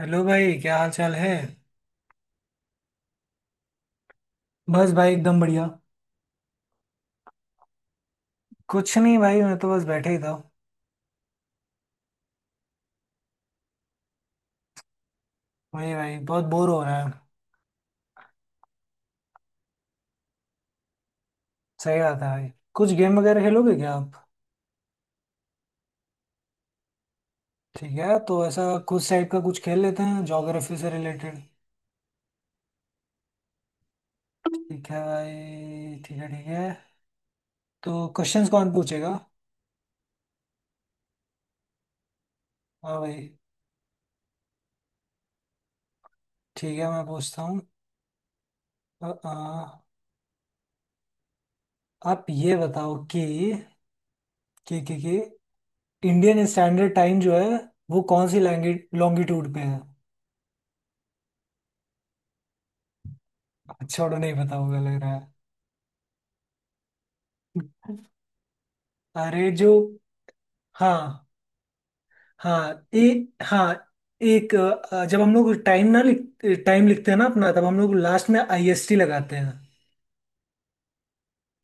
Hello भाई क्या हाल चाल है। बस भाई एकदम बढ़िया। कुछ नहीं भाई मैं तो बस बैठे ही था। वही भाई बहुत बोर हो रहा है। सही बात है भाई। कुछ गेम वगैरह खेलोगे क्या आप? ठीक है तो ऐसा कुछ टाइप का कुछ खेल लेते हैं ज्योग्राफी से रिलेटेड। ठीक है भाई ठीक है ठीक है। तो क्वेश्चंस कौन पूछेगा? हाँ भाई। ठीक है मैं पूछता हूँ। अ, अ, आप ये बताओ कि कि इंडियन स्टैंडर्ड टाइम जो है वो कौन सी लैंग्वेज लॉन्गिट्यूड पे है? छोड़ो नहीं पता होगा लग रहा है। अरे जो। हाँ हाँ ए हाँ। एक जब हम लोग टाइम ना लिख टाइम लिखते हैं ना अपना तब हम लोग लास्ट में आईएसटी लगाते हैं।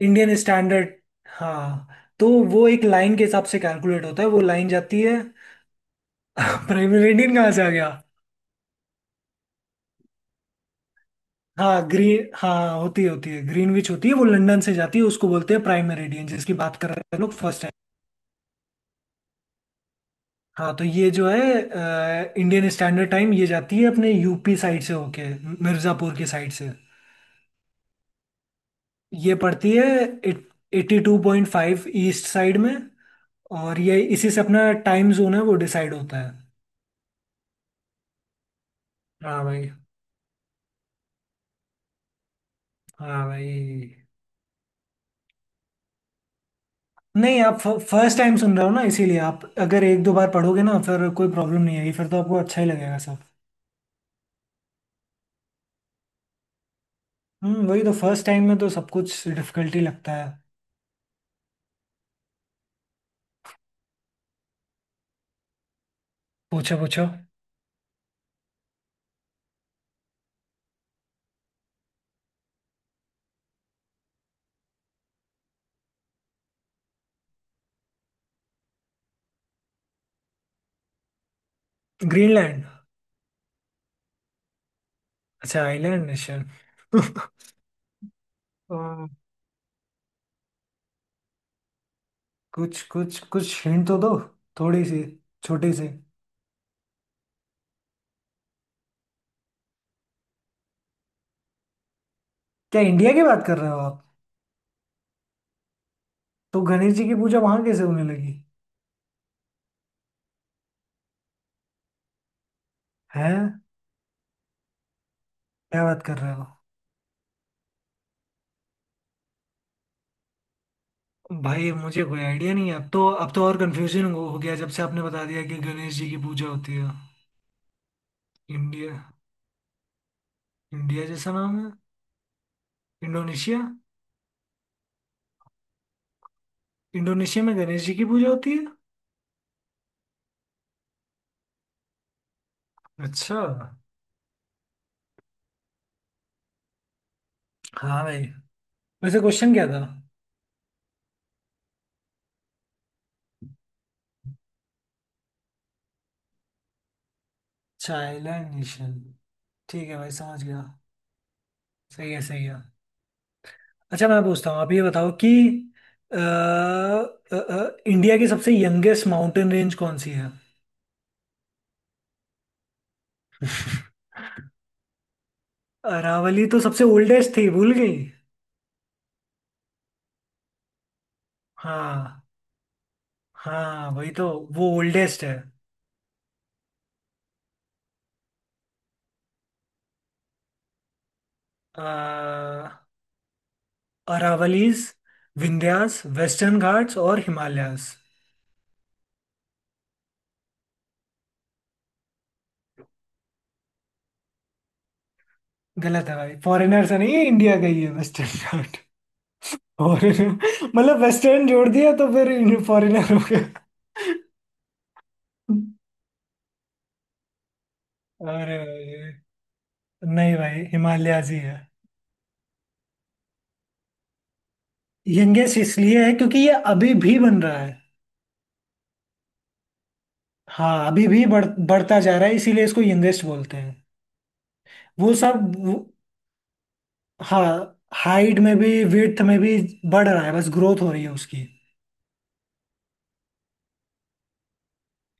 Indian standard. हाँ तो वो एक लाइन के हिसाब से कैलकुलेट होता है वो लाइन जाती है। प्राइमरी इंडियन कहाँ से आ गया? हाँ ग्रीन हाँ होती है ग्रीनविच होती है वो लंदन से जाती है उसको बोलते हैं प्राइम मेरिडियन जिसकी बात कर रहे हैं लोग फर्स्ट टाइम। हाँ तो ये जो है इंडियन स्टैंडर्ड टाइम ये जाती है अपने यूपी साइड से होके मिर्जापुर की साइड से। ये पड़ती है 82.5 ईस्ट साइड में। और ये इसी से अपना टाइम जोन है वो डिसाइड होता है। हाँ भाई हाँ भाई। नहीं आप फर्स्ट टाइम सुन रहे हो ना इसीलिए आप अगर एक दो बार पढ़ोगे ना फिर कोई प्रॉब्लम नहीं आएगी फिर तो आपको अच्छा ही लगेगा सब। वही तो फर्स्ट टाइम में तो सब कुछ डिफिकल्टी लगता है। पूछो पूछो। ग्रीनलैंड। अच्छा आइलैंड नेशन। आ, कुछ कुछ कुछ हिंट तो दो। थोड़ी सी। छोटी सी। क्या इंडिया की बात कर रहे हो? तो गणेश जी की पूजा वहां कैसे होने लगी? है, क्या बात कर रहे हो? भाई मुझे कोई आइडिया नहीं है, अब तो और कंफ्यूजन हो गया जब से आपने बता दिया कि गणेश जी की पूजा होती है। इंडिया। इंडिया जैसा नाम है। इंडोनेशिया। इंडोनेशिया में गणेश जी की पूजा होती है। अच्छा। हाँ भाई। वैसे क्वेश्चन क्या था? Child nation. ठीक है भाई समझ गया। सही है सही है। अच्छा मैं पूछता हूँ, आप ये बताओ कि इंडिया की सबसे यंगेस्ट माउंटेन रेंज कौन सी है? अरावली तो सबसे ओल्डेस्ट थी भूल गई। हाँ हाँ वही तो। वो ओल्डेस्ट है। अ, अरावलीज, विंध्यास, वेस्टर्न घाट्स और हिमालयास। गलत है भाई फॉरेनर से नहीं है, इंडिया का ही है वेस्टर्न घाट। फॉरेनर मतलब वेस्टर्न जोड़ दिया तो फिर फॉरेनर हो गया? अरे भाई नहीं भाई हिमालयास ही है। यंगेस्ट इसलिए है क्योंकि ये अभी भी बन रहा है। हाँ अभी भी बढ़ता जा रहा है इसीलिए इसको यंगेस्ट बोलते हैं। वो सब हाँ हाइट में भी विड्थ में भी बढ़ रहा है, बस ग्रोथ हो रही है उसकी।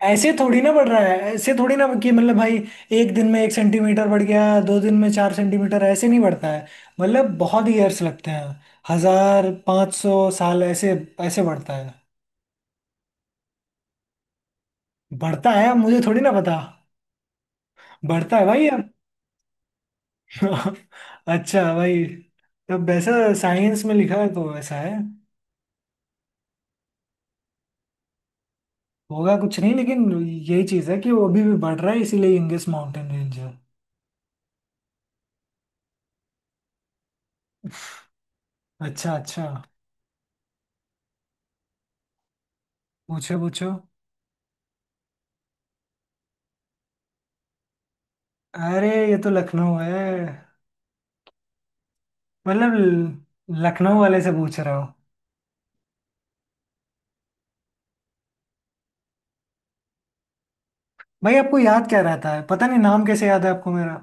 ऐसे थोड़ी ना बढ़ रहा है, ऐसे थोड़ी ना कि मतलब भाई एक दिन में 1 सेंटीमीटर बढ़ गया, दो दिन में 4 सेंटीमीटर, ऐसे नहीं बढ़ता है। मतलब बहुत ईयर्स लगते हैं। 1500 साल ऐसे ऐसे बढ़ता है। बढ़ता है, मुझे थोड़ी ना पता। बढ़ता है भाई अब। अच्छा भाई तब वैसा, साइंस में लिखा है तो वैसा है। होगा कुछ, नहीं लेकिन। यही चीज है कि वो अभी भी बढ़ रहा है इसीलिए यंगेस्ट माउंटेन रेंज है। अच्छा अच्छा। पूछो पूछो। अरे ये तो लखनऊ है। मतलब लखनऊ वाले से पूछ रहा हूँ। भाई आपको याद क्या रहता है, पता नहीं नाम कैसे याद है आपको मेरा।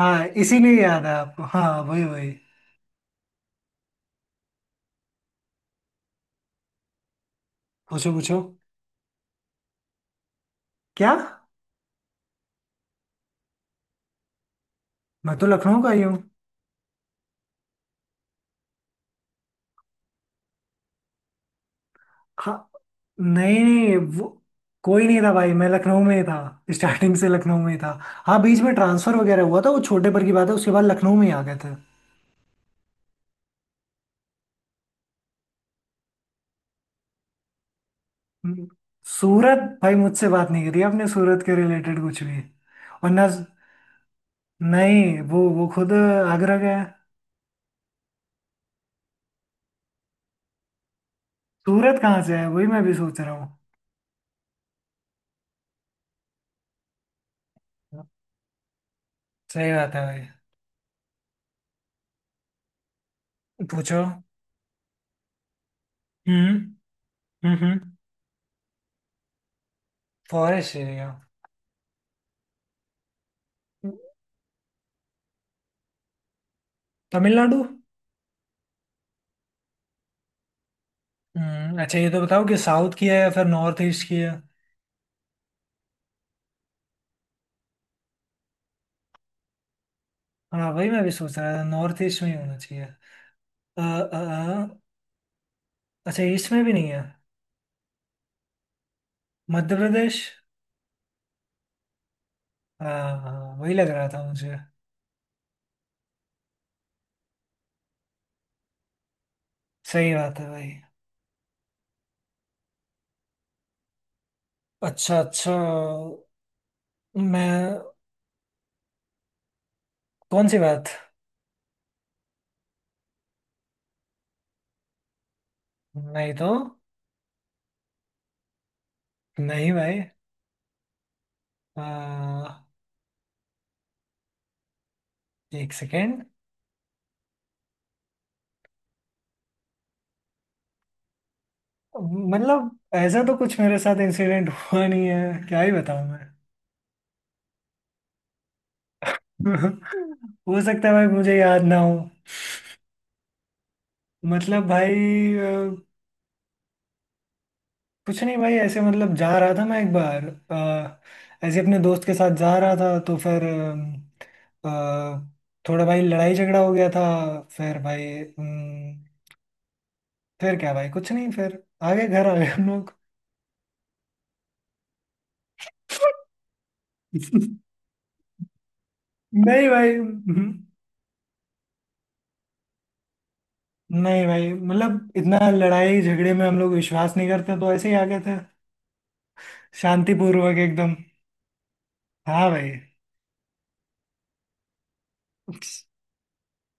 हाँ इसीलिए याद है आपको, हाँ वही वही। पूछो पूछो। क्या? मैं तो लखनऊ का ही हूँ। हाँ नहीं नहीं, वो कोई नहीं था भाई, मैं लखनऊ में ही था। स्टार्टिंग से लखनऊ में ही था। हाँ बीच में ट्रांसफर वगैरह हुआ था, वो छोटे पर की बात है, उसके बाद लखनऊ में ही आ गए थे। हम्म, सूरत भाई मुझसे बात नहीं करी आपने सूरत के रिलेटेड कुछ भी। और ना, नहीं वो खुद आगरा का है। सूरत कहाँ से है वही मैं भी सोच रहा हूँ। सही बात है भाई। पूछो। हम्म हम्म हम्म। Forest area. हम्म। तमिलनाडु। हम्म, अच्छा ये तो बताओ कि साउथ की है या फिर नॉर्थ ईस्ट की है? हाँ वही मैं भी सोच रहा था नॉर्थ ईस्ट में ही होना चाहिए। अ, अ, अच्छा ईस्ट में भी नहीं है। मध्य प्रदेश। हाँ हाँ, वही लग रहा था मुझे। सही बात है भाई। अच्छा अच्छा, मैं? कौन सी बात? नहीं तो। नहीं भाई। आ, एक सेकेंड। मतलब ऐसा तो कुछ मेरे साथ इंसिडेंट हुआ नहीं है, क्या ही बताऊं मैं। हो सकता है भाई मुझे याद ना हो। मतलब भाई अ, कुछ नहीं भाई, ऐसे मतलब जा रहा था मैं एक बार ऐसे, अपने दोस्त के साथ जा रहा था, तो फिर अ, अ, थोड़ा भाई लड़ाई झगड़ा हो गया था। फिर भाई, फिर क्या भाई, कुछ नहीं, फिर आगे घर आ गए हम लोग। नहीं भाई नहीं भाई मतलब इतना लड़ाई झगड़े में हम लोग विश्वास नहीं करते तो ऐसे ही आ गए थे। शांतिपूर्वक एकदम। हाँ भाई।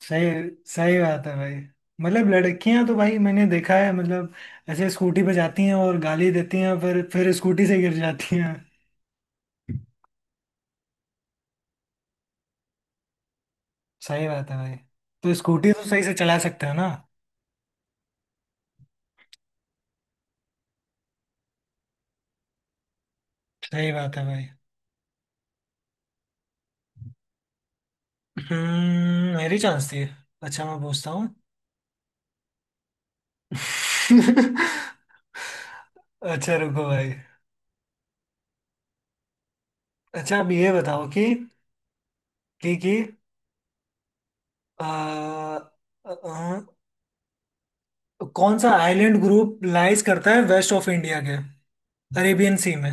सही सही बात है भाई। मतलब लड़कियां तो भाई मैंने देखा है, मतलब ऐसे स्कूटी पे जाती हैं और गाली देती हैं, फिर स्कूटी से गिर जाती हैं। सही बात है भाई। तो स्कूटी तो सही से चला सकते हो ना। सही बात है भाई। मेरी चांस थी। अच्छा मैं पूछता हूँ। अच्छा रुको भाई। अच्छा अब ये बताओ कि कि आ, आ, कौन सा आइलैंड ग्रुप लाइज करता है वेस्ट ऑफ इंडिया के, अरेबियन सी में?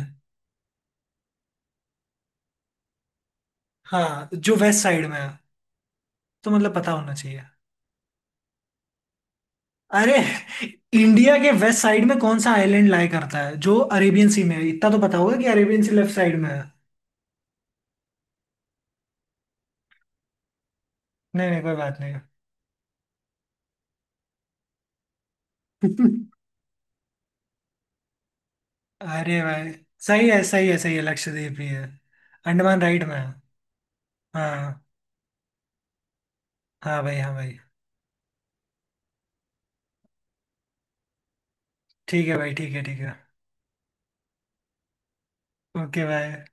हाँ जो वेस्ट साइड में है, तो मतलब पता होना चाहिए। अरे इंडिया के वेस्ट साइड में कौन सा आइलैंड लाई करता है जो अरेबियन सी में है, इतना तो पता होगा कि अरेबियन सी लेफ्ट साइड में है। नहीं नहीं कोई बात नहीं। अरे भाई सही है सही है सही है लक्षद्वीप ही है। अंडमान राइट में है। हाँ हाँ भाई हाँ भाई। ठीक है भाई ठीक है ठीक है। Okay bye.